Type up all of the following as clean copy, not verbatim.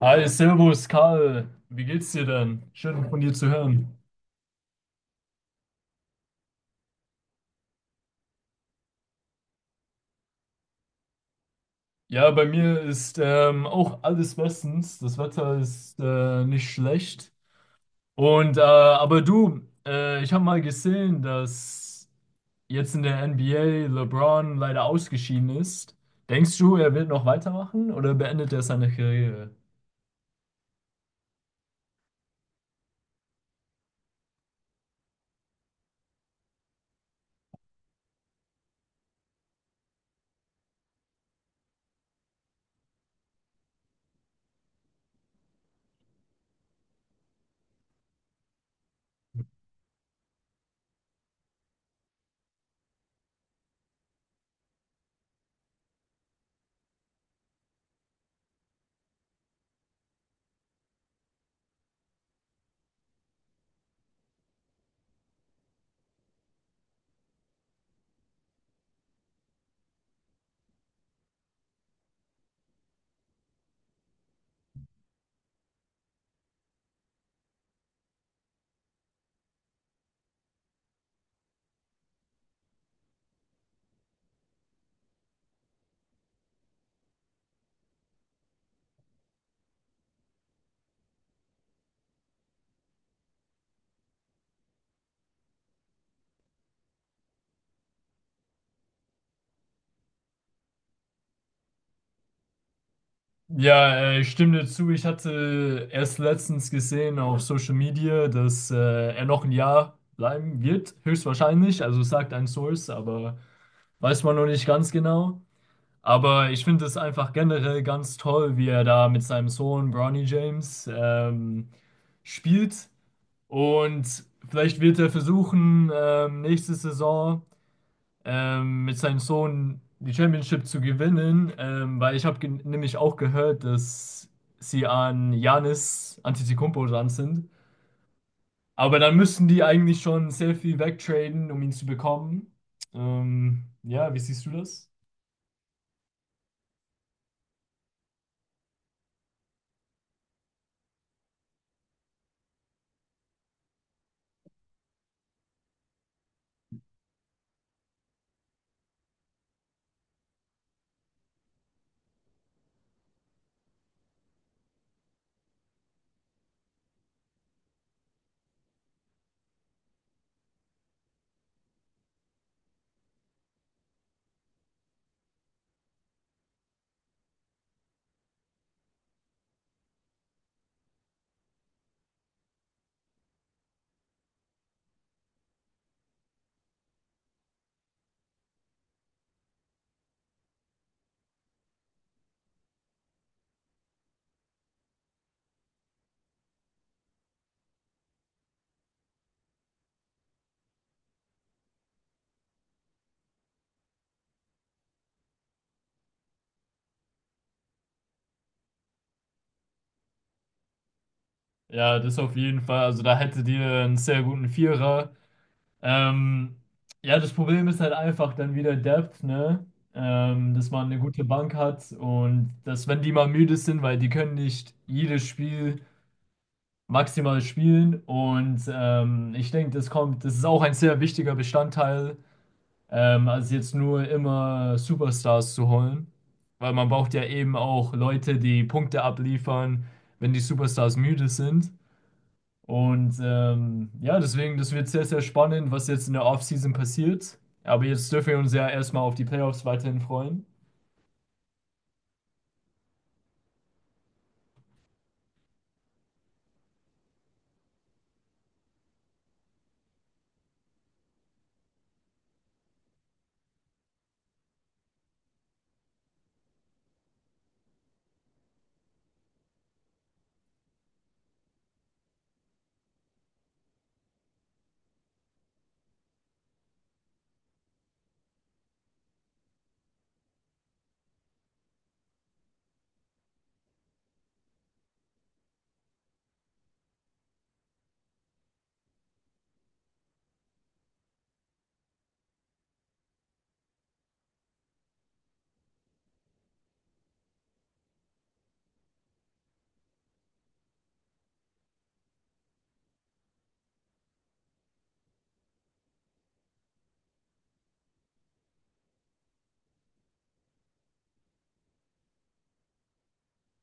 Hi, Servus, Karl. Wie geht's dir denn? Schön von dir zu hören. Ja, bei mir ist auch alles bestens. Das Wetter ist nicht schlecht. Und äh, aber du, Ich habe mal gesehen, dass jetzt in der NBA LeBron leider ausgeschieden ist. Denkst du, er wird noch weitermachen oder beendet er seine Karriere? Ja, ich stimme dir zu. Ich hatte erst letztens gesehen auf Social Media, dass er noch ein Jahr bleiben wird, höchstwahrscheinlich. Also es sagt ein Source, aber weiß man noch nicht ganz genau. Aber ich finde es einfach generell ganz toll, wie er da mit seinem Sohn Bronny James spielt. Und vielleicht wird er versuchen, nächste Saison mit seinem Sohn die Championship zu gewinnen, weil ich habe nämlich auch gehört, dass sie an Giannis Antetokounmpo dran sind. Aber dann müssten die eigentlich schon sehr viel wegtraden, um ihn zu bekommen. Ja, wie siehst du das? Ja, das auf jeden Fall. Also da hättet ihr einen sehr guten Vierer. Ähm, ja, das Problem ist halt einfach dann wieder Depth, ne? Dass man eine gute Bank hat und dass, wenn die mal müde sind, weil die können nicht jedes Spiel maximal spielen. Und ich denke, das kommt, das ist auch ein sehr wichtiger Bestandteil, als jetzt nur immer Superstars zu holen. Weil man braucht ja eben auch Leute, die Punkte abliefern, wenn die Superstars müde sind. Und ja, deswegen, das wird sehr, sehr spannend, was jetzt in der Offseason passiert. Aber jetzt dürfen wir uns ja erstmal auf die Playoffs weiterhin freuen.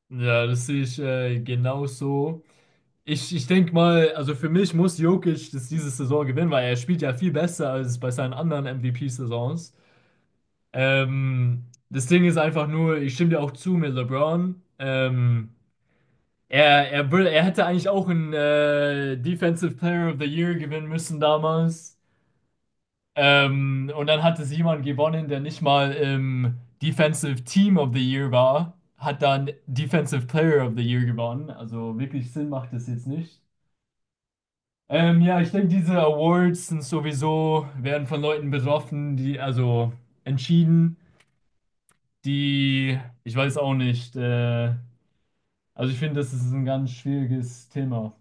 Ja, das sehe ich genauso. Ich denke mal, also für mich muss Jokic das diese Saison gewinnen, weil er spielt ja viel besser als bei seinen anderen MVP-Saisons. Das Ding ist einfach nur, ich stimme dir auch zu mit LeBron. Er hätte eigentlich auch einen Defensive Player of the Year gewinnen müssen damals. Und dann hat es jemand gewonnen, der nicht mal im Defensive Team of the Year war, hat dann Defensive Player of the Year gewonnen. Also wirklich Sinn macht das jetzt nicht. Ja, ich denke, diese Awards sind sowieso, werden von Leuten betroffen, die, also entschieden, die, ich weiß auch nicht, also ich finde, das ist ein ganz schwieriges Thema.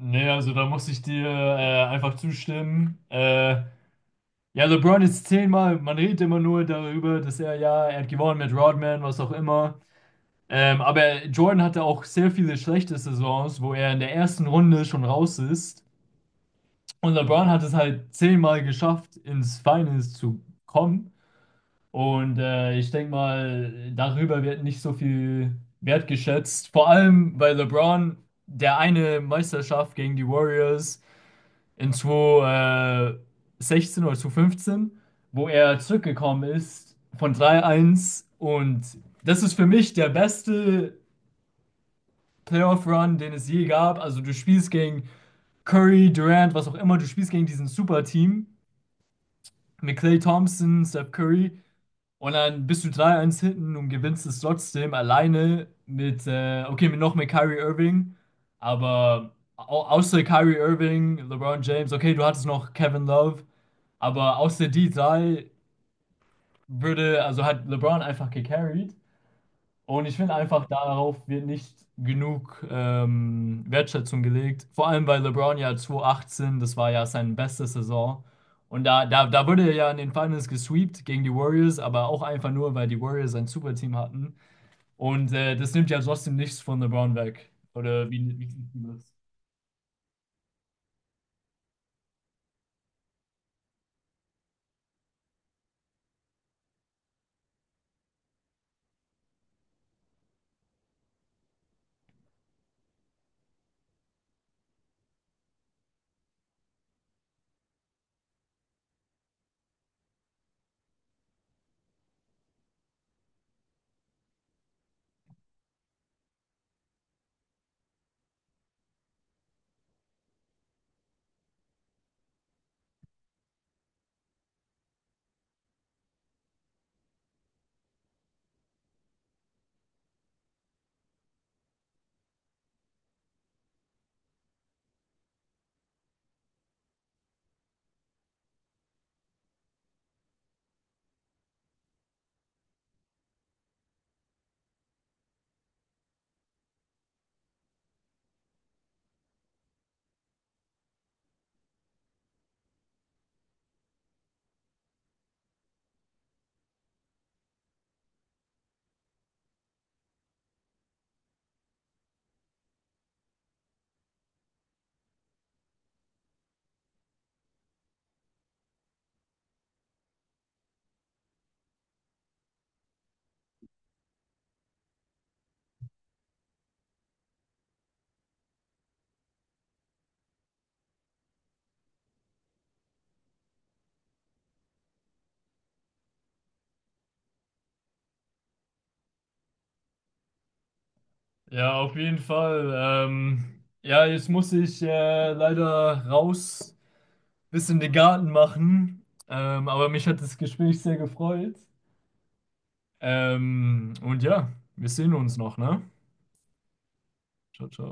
Nee, also da muss ich dir einfach zustimmen. Ja, LeBron ist zehnmal, man redet immer nur darüber, dass er, ja, er hat gewonnen mit Rodman, was auch immer. Aber Jordan hatte auch sehr viele schlechte Saisons, wo er in der ersten Runde schon raus ist. Und LeBron hat es halt zehnmal geschafft, ins Finals zu kommen. Und ich denke mal, darüber wird nicht so viel wertgeschätzt. Vor allem, weil LeBron der eine Meisterschaft gegen die Warriors in 2016 oder 2015, wo er zurückgekommen ist von 3-1. Und das ist für mich der beste Playoff-Run, den es je gab. Also du spielst gegen Curry, Durant, was auch immer, du spielst gegen diesen Super-Team mit Klay Thompson, Steph Curry und dann bist du drei eins hinten und gewinnst es trotzdem alleine mit, okay, mit noch mit Kyrie Irving, aber au außer Kyrie Irving, LeBron James, okay, du hattest noch Kevin Love, aber außer die drei würde, also hat LeBron einfach gecarried und ich finde einfach, darauf wird nicht genug Wertschätzung gelegt. Vor allem bei LeBron ja 2018, das war ja seine beste Saison. Und da wurde er ja in den Finals gesweept gegen die Warriors, aber auch einfach nur, weil die Warriors ein super Team hatten. Und das nimmt ja trotzdem nichts von LeBron weg. Oder wie siehst du das? Ja, auf jeden Fall. Ja, jetzt muss ich leider raus, bisschen den Garten machen. Aber mich hat das Gespräch sehr gefreut. Und ja, wir sehen uns noch, ne? Ciao, ciao.